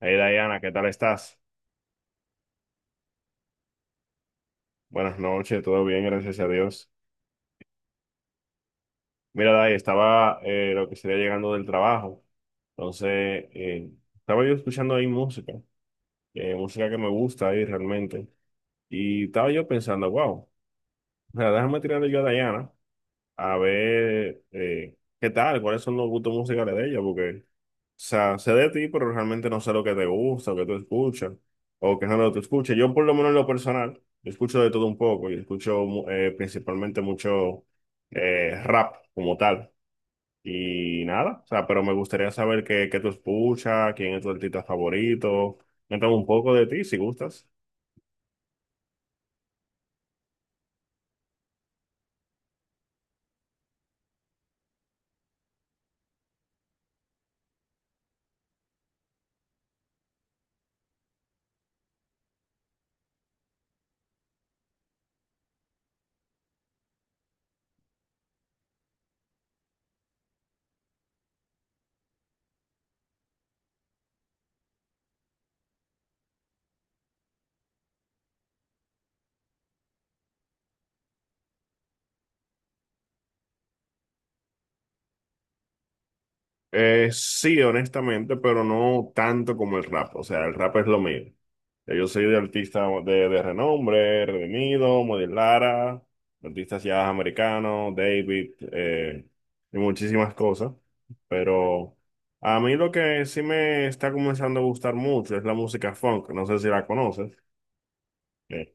Hey Diana, ¿qué tal estás? Buenas noches, todo bien, gracias a Dios. Mira, Day, estaba lo que sería llegando del trabajo, entonces estaba yo escuchando ahí música, música que me gusta ahí realmente, y estaba yo pensando, wow, o déjame tirarle yo a Diana, a ver qué tal, cuáles son los gustos musicales de ella, porque, o sea, sé de ti, pero realmente no sé lo que te gusta, o que tú escuchas, o qué género tú escuchas. Yo, por lo menos en lo personal, yo escucho de todo un poco, y escucho principalmente mucho rap como tal. Y nada, o sea, pero me gustaría saber qué tú escuchas, quién es tu artista favorito. Cuéntame un poco de ti, si gustas. Sí, honestamente, pero no tanto como el rap. O sea, el rap es lo mío. Ya yo soy de artista de renombre: Redimido, Model Lara, artistas ya americanos, David, y muchísimas cosas. Pero a mí lo que sí me está comenzando a gustar mucho es la música funk. No sé si la conoces. Eh,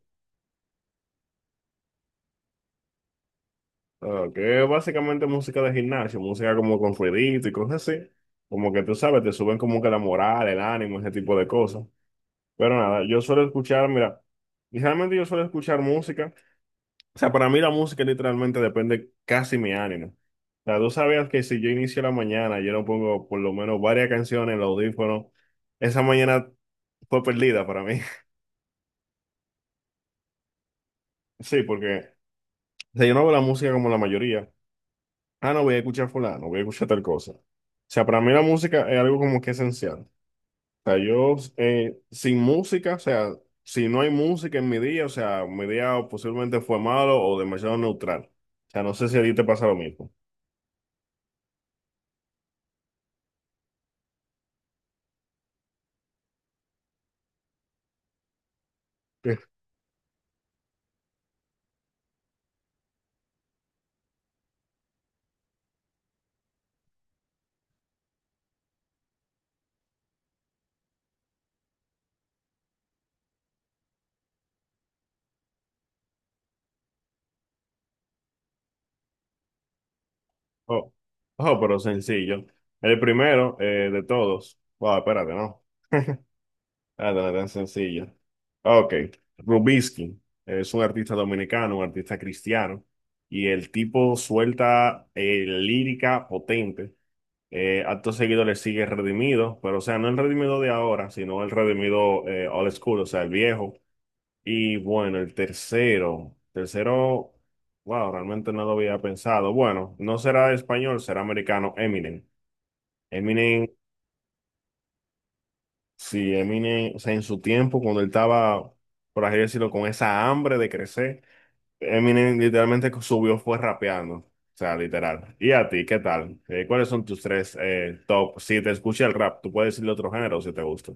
que es básicamente música de gimnasio, música como con ruidito y cosas así. Como que tú sabes, te suben como que la moral, el ánimo, ese tipo de cosas. Pero nada, yo suelo escuchar, mira, realmente yo suelo escuchar música. O sea, para mí la música literalmente depende casi mi ánimo. O sea, tú sabías que si yo inicio la mañana, yo no pongo por lo menos varias canciones en los audífono esa mañana fue perdida para mí. Sí, porque o sea, yo no veo la música como la mayoría. Ah, no, voy a escuchar fulano, voy a escuchar tal cosa. O sea, para mí la música es algo como que esencial. Sea, yo sin música, o sea, si no hay música en mi día, o sea, mi día posiblemente fue malo o demasiado neutral. O sea, no sé si a ti te pasa lo mismo. Sí. Oh, oh, pero sencillo. El primero de todos. Wow, espérate, no. Ah, no tan sencillo. Ok. Rubinsky es un artista dominicano, un artista cristiano. Y el tipo suelta lírica potente. Acto seguido le sigue Redimido, pero o sea, no el Redimido de ahora, sino el Redimido old school, o sea, el viejo. Y bueno, el tercero, tercero, wow, realmente no lo había pensado. Bueno, no será español, será americano, Eminem. Eminem, sí, Eminem, o sea, en su tiempo, cuando él estaba, por así decirlo, con esa hambre de crecer, Eminem literalmente subió, fue rapeando. O sea, literal. ¿Y a ti, qué tal? ¿Cuáles son tus tres top? Si te escucha el rap, tú puedes decirle otro género si te gusta.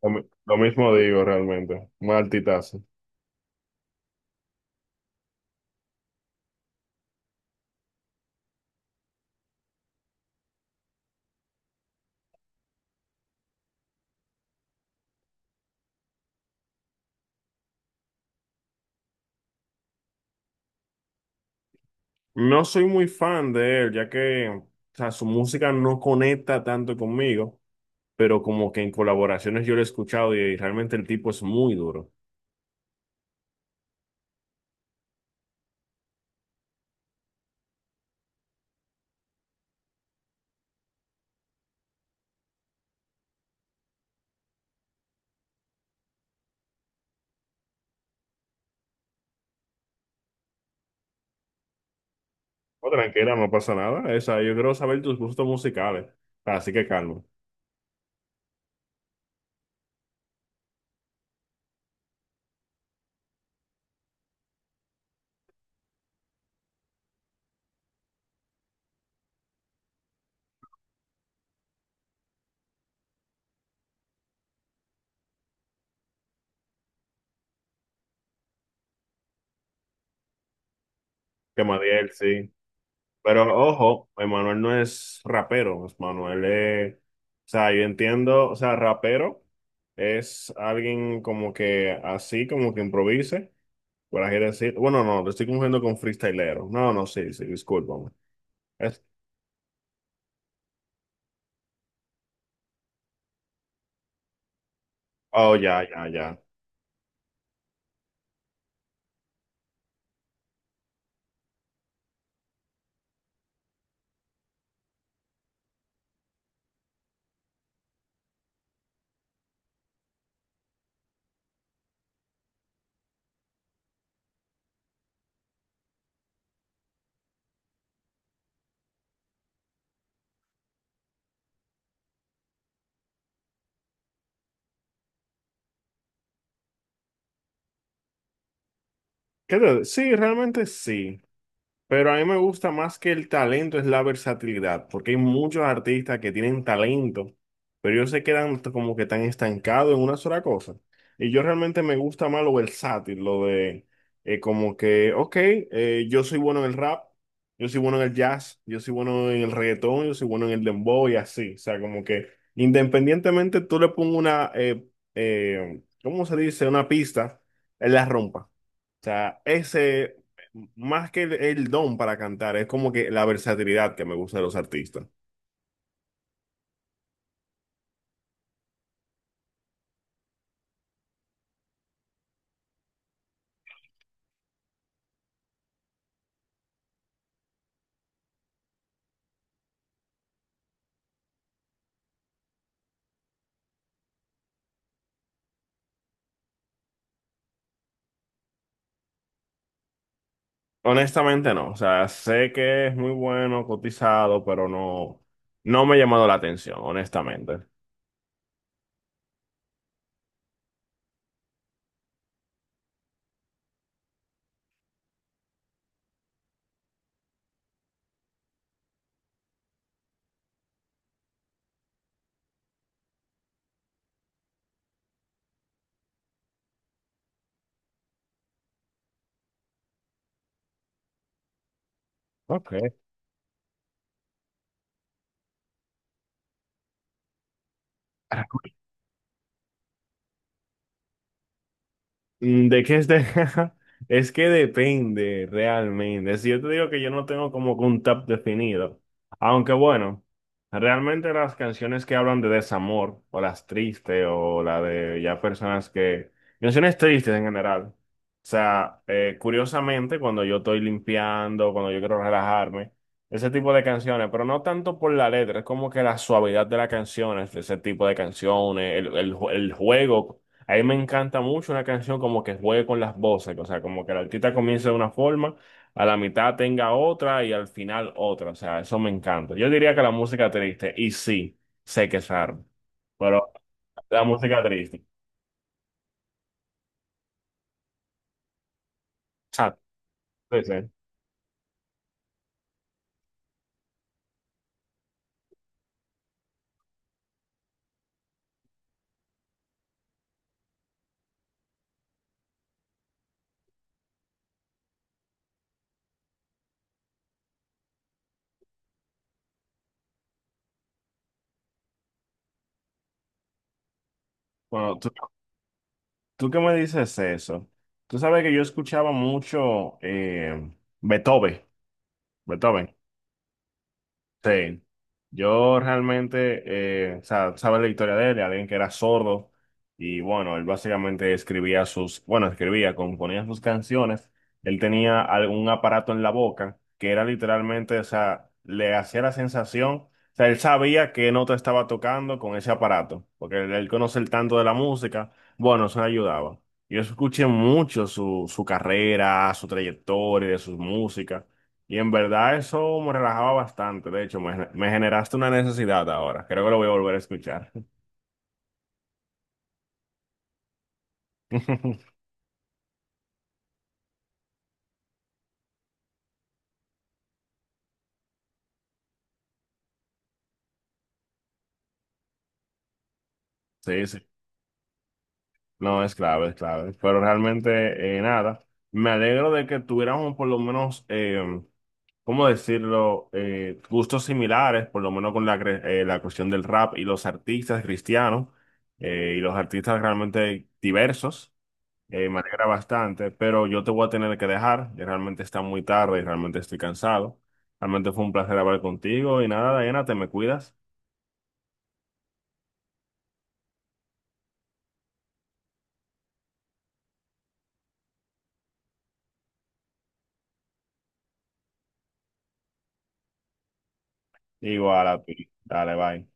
Lo mismo digo realmente. Maltitazo. No soy muy fan de él, ya que o sea, su música no conecta tanto conmigo, pero como que en colaboraciones yo lo he escuchado y realmente el tipo es muy duro. No, tranquila, no pasa nada. Esa, yo quiero saber tus gustos musicales. Así que calma. Que Madiel, sí. Pero ojo, Emanuel no es rapero, Emanuel es, o sea, yo entiendo, o sea, rapero es alguien como que así, como que improvise, por así decir, bueno, no, lo estoy confundiendo con freestylero, no, no, sí, sí, discúlpame. Es, oh, ya, ya, ya. ¿Qué te- sí, realmente sí, pero a mí me gusta más que el talento es la versatilidad, porque hay muchos artistas que tienen talento, pero ellos se quedan como que tan estancados en una sola cosa. Y yo realmente me gusta más lo versátil, lo de como que, ok, yo soy bueno en el rap, yo soy bueno en el jazz, yo soy bueno en el reggaetón, yo soy bueno en el dembow y así. O sea, como que independientemente tú le pongas una, ¿cómo se dice? Una pista, él la rompa. O sea, ese, más que el don para cantar, es como que la versatilidad que me gusta de los artistas. Honestamente no, o sea, sé que es muy bueno, cotizado, pero no, no me ha llamado la atención, honestamente. Ok. Mm, ¿de qué es de- Es que depende realmente. Si yo te digo que yo no tengo como que un top definido, aunque bueno, realmente las canciones que hablan de desamor, o las tristes, o la de ya personas que... Canciones tristes en general. O sea, curiosamente, cuando yo estoy limpiando, cuando yo quiero relajarme, ese tipo de canciones, pero no tanto por la letra, es como que la suavidad de las canciones, de ese tipo de canciones, el juego. A mí me encanta mucho una canción como que juegue con las voces, o sea, como que el artista comience de una forma, a la mitad tenga otra y al final otra, o sea, eso me encanta. Yo diría que la música triste, y sí, sé que es raro, pero la música triste. Ah, sí, sí. Bueno, tú que me dices eso, tú sabes que yo escuchaba mucho Beethoven, Beethoven. Sí, yo realmente, o sea, sabes la historia de él, de alguien que era sordo y bueno, él básicamente escribía sus, bueno, escribía, componía sus canciones, él tenía algún aparato en la boca que era literalmente, o sea, le hacía la sensación, o sea, él sabía qué nota estaba tocando con ese aparato, porque él conoce el tanto de la música, bueno, eso le ayudaba. Yo escuché mucho su carrera, su trayectoria, de sus músicas. Y en verdad eso me relajaba bastante. De hecho, me generaste una necesidad ahora. Creo que lo voy a volver a escuchar. Sí, sí. No, es clave, es clave. Pero realmente, nada. Me alegro de que tuviéramos por lo menos, ¿cómo decirlo? Gustos similares, por lo menos con la cuestión del rap y los artistas cristianos y los artistas realmente diversos. Me alegra bastante, pero yo te voy a tener que dejar. Ya realmente está muy tarde y realmente estoy cansado. Realmente fue un placer hablar contigo y nada, Diana, te me cuidas. Igual a ti. Dale, bye.